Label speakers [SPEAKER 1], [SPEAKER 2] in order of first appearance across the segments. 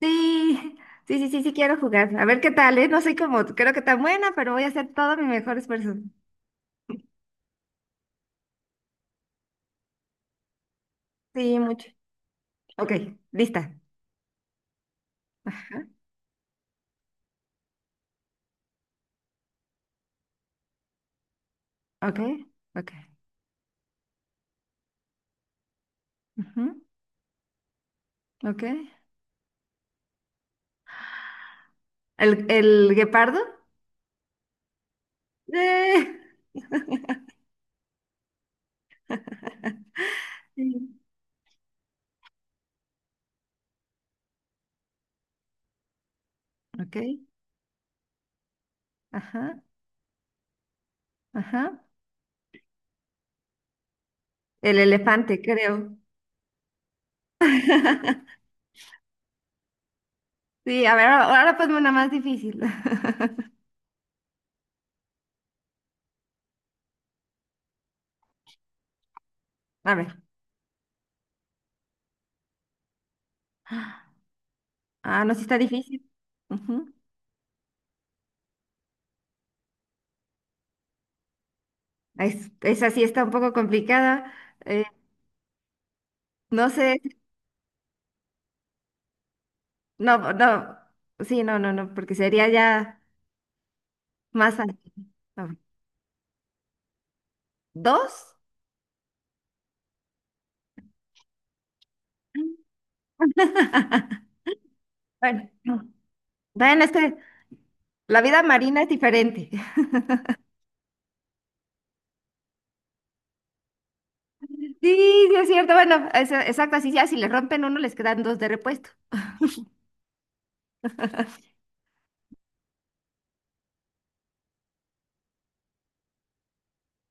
[SPEAKER 1] Sí, sí, sí, sí, sí quiero jugar. A ver qué tal, ¿eh? No soy como, creo que tan buena, pero voy a hacer todo mi mejor esfuerzo. Sí, mucho. Ok, lista. Ajá. Ok, ok. Ujú. Ok. ¿El guepardo? Eh, Sí. Ok. Ajá, ajá. El elefante, creo. Sí, a ver, ahora ahora ponme una más difícil. A ver. Ah, no, sí está difícil. Ujú. Esa sí está un poco complicada. Eh, no sé. No, no, sí, no, no, no, porque sería ya más no. ¿Dos? Bueno, no. Bueno, es que la vida marina es diferente. Sí, sí es cierto. Bueno, exacto, así ya si le rompen uno, les quedan dos de repuesto.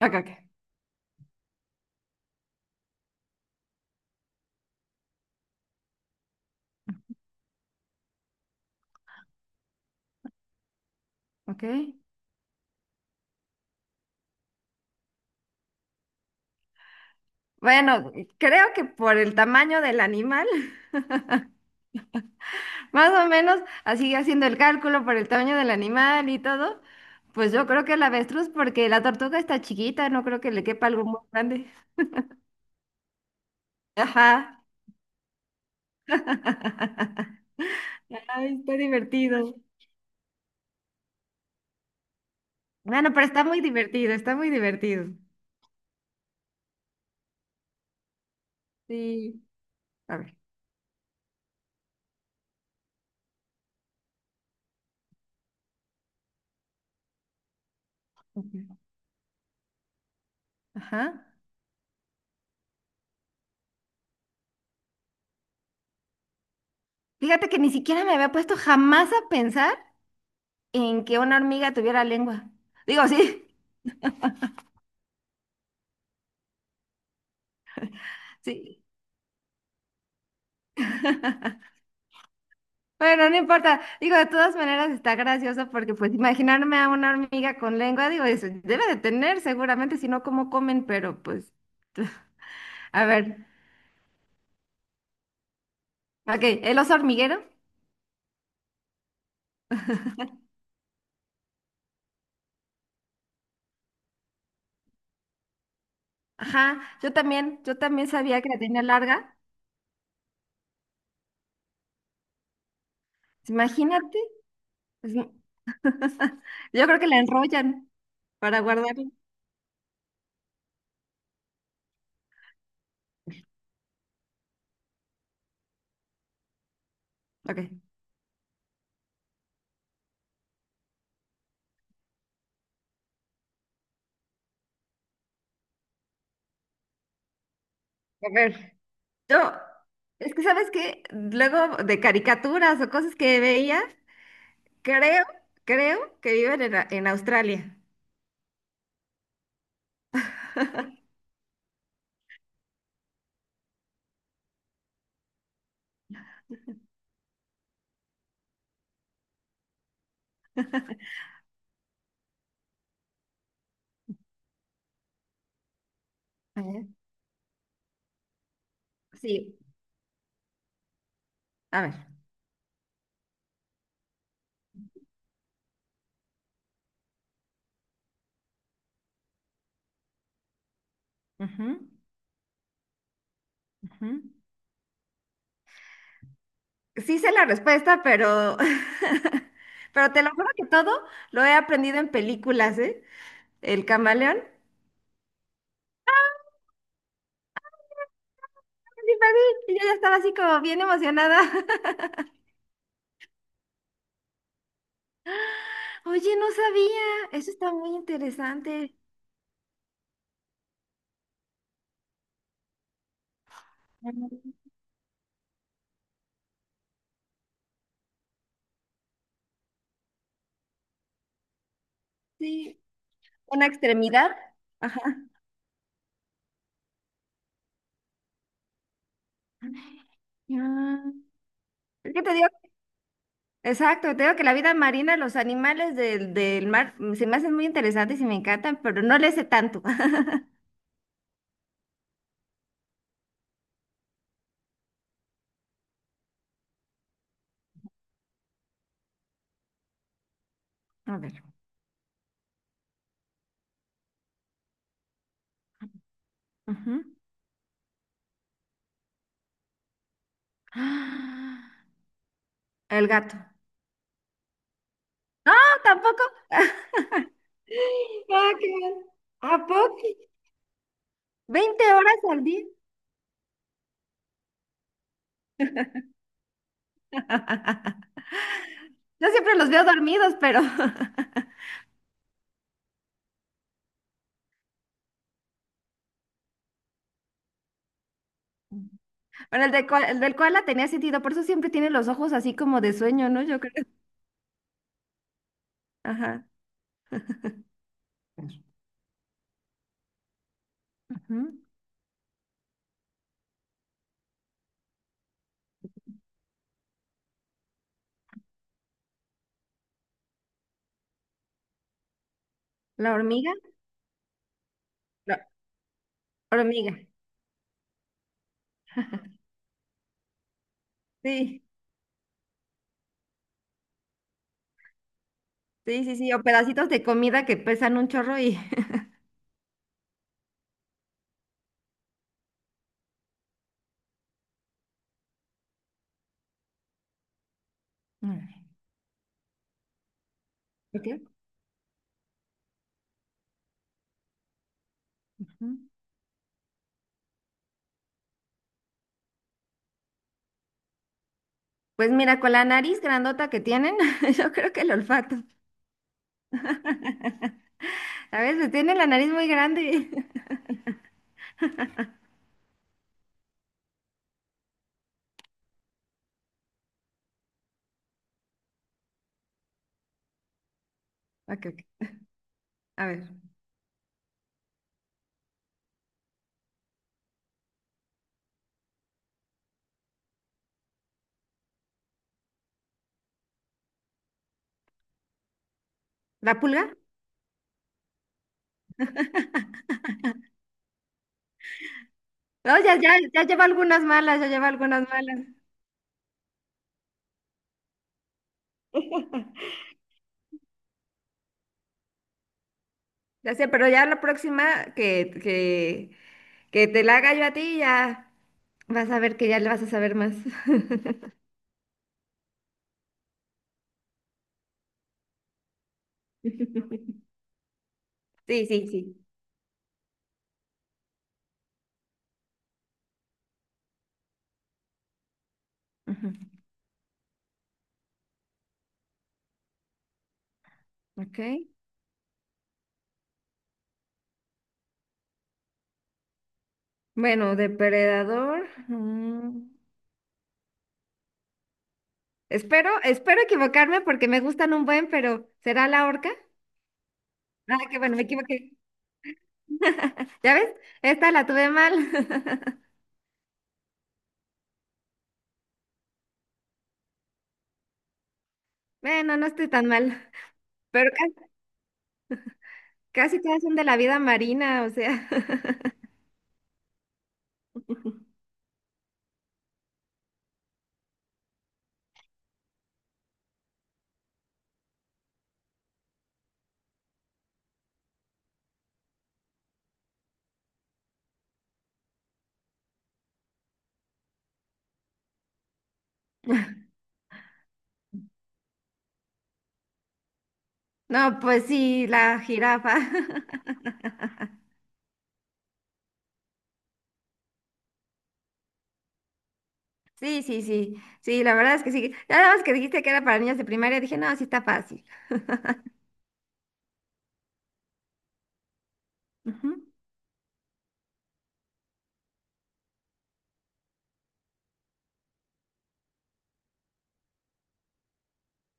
[SPEAKER 1] Ok, ok. Ok. Bueno, creo que por el tamaño del animal, más o menos, así haciendo el cálculo por el tamaño del animal y todo, pues yo creo que el avestruz, porque la tortuga está chiquita, no creo que le quepa algo muy grande. Ajá. Ay, está divertido. Bueno, pero está muy divertido, está muy divertido. Sí. A ver. Ujú. Ajá. Fíjate que ni siquiera me había puesto jamás a pensar en que una hormiga tuviera lengua. Digo, sí, sí. Bueno, no importa. Digo, de todas maneras está gracioso porque pues imaginarme a una hormiga con lengua, digo, eso debe de tener seguramente, si no, ¿cómo comen? Pero pues, a ver. Ok, el oso hormiguero. Ajá, yo también sabía que la tenía larga. Imagínate. Pues, yo creo que la enrollan para guardarla. Ok. A ver, yo, es que sabes que luego de caricaturas o cosas que veía, creo, creo que viven en, en Australia. A ver, sí, a ver. Ujú, ujú. Sí sé la respuesta, pero, pero te lo juro que todo lo he aprendido en películas, ¿eh? El camaleón. Sí, papi, y yo ya estaba así como bien emocionada. Oye, no sabía. Eso está muy interesante. Sí, una extremidad. Ajá. Ah, es que te digo, exacto, te digo que la vida marina, los animales del mar, se me hacen muy interesantes y me encantan, pero no le sé tanto. A ver. Ujú. Ah, el gato. No, tampoco. Ah, qué mal. ¿A poco? 20 horas al día. Yo siempre los veo dormidos, pero. Bueno, el del koala tenía sentido, por eso siempre tiene los ojos así como de sueño, ¿no? Yo creo. Ajá. Ujú. ¿La hormiga? La hormiga. Sí, sí, sí, sí. O pedacitos de comida que pesan un chorro y... Órale. Ok. Ujú. Pues mira, con la nariz grandota que tienen, yo creo que el olfato. A veces tienen la nariz muy grande. Ok, ok. A ver. ¿La pulga? No, ya, ya, ya lleva algunas malas, ya lleva algunas malas. Ya sé, pero ya la próxima que te la haga yo a ti, ya. Vas a ver que ya le vas a saber más. Sí, sí, sí. Ujú. Ok. Bueno, depredador. Espero, espero equivocarme porque me gustan un buen, pero ¿será la orca? Ah, qué bueno, me equivoqué. ¿Ya ves? Esta la tuve mal. Bueno, no estoy tan mal. Pero casi todas son de la vida marina, o sea. No, pues sí, la jirafa. Sí, sí, sí. Sí, la verdad es que sí. Ya nada más que dijiste que era para niñas de primaria, dije, no, sí está fácil. Ujú.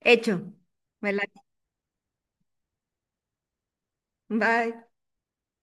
[SPEAKER 1] Hecho. Me la... Bye.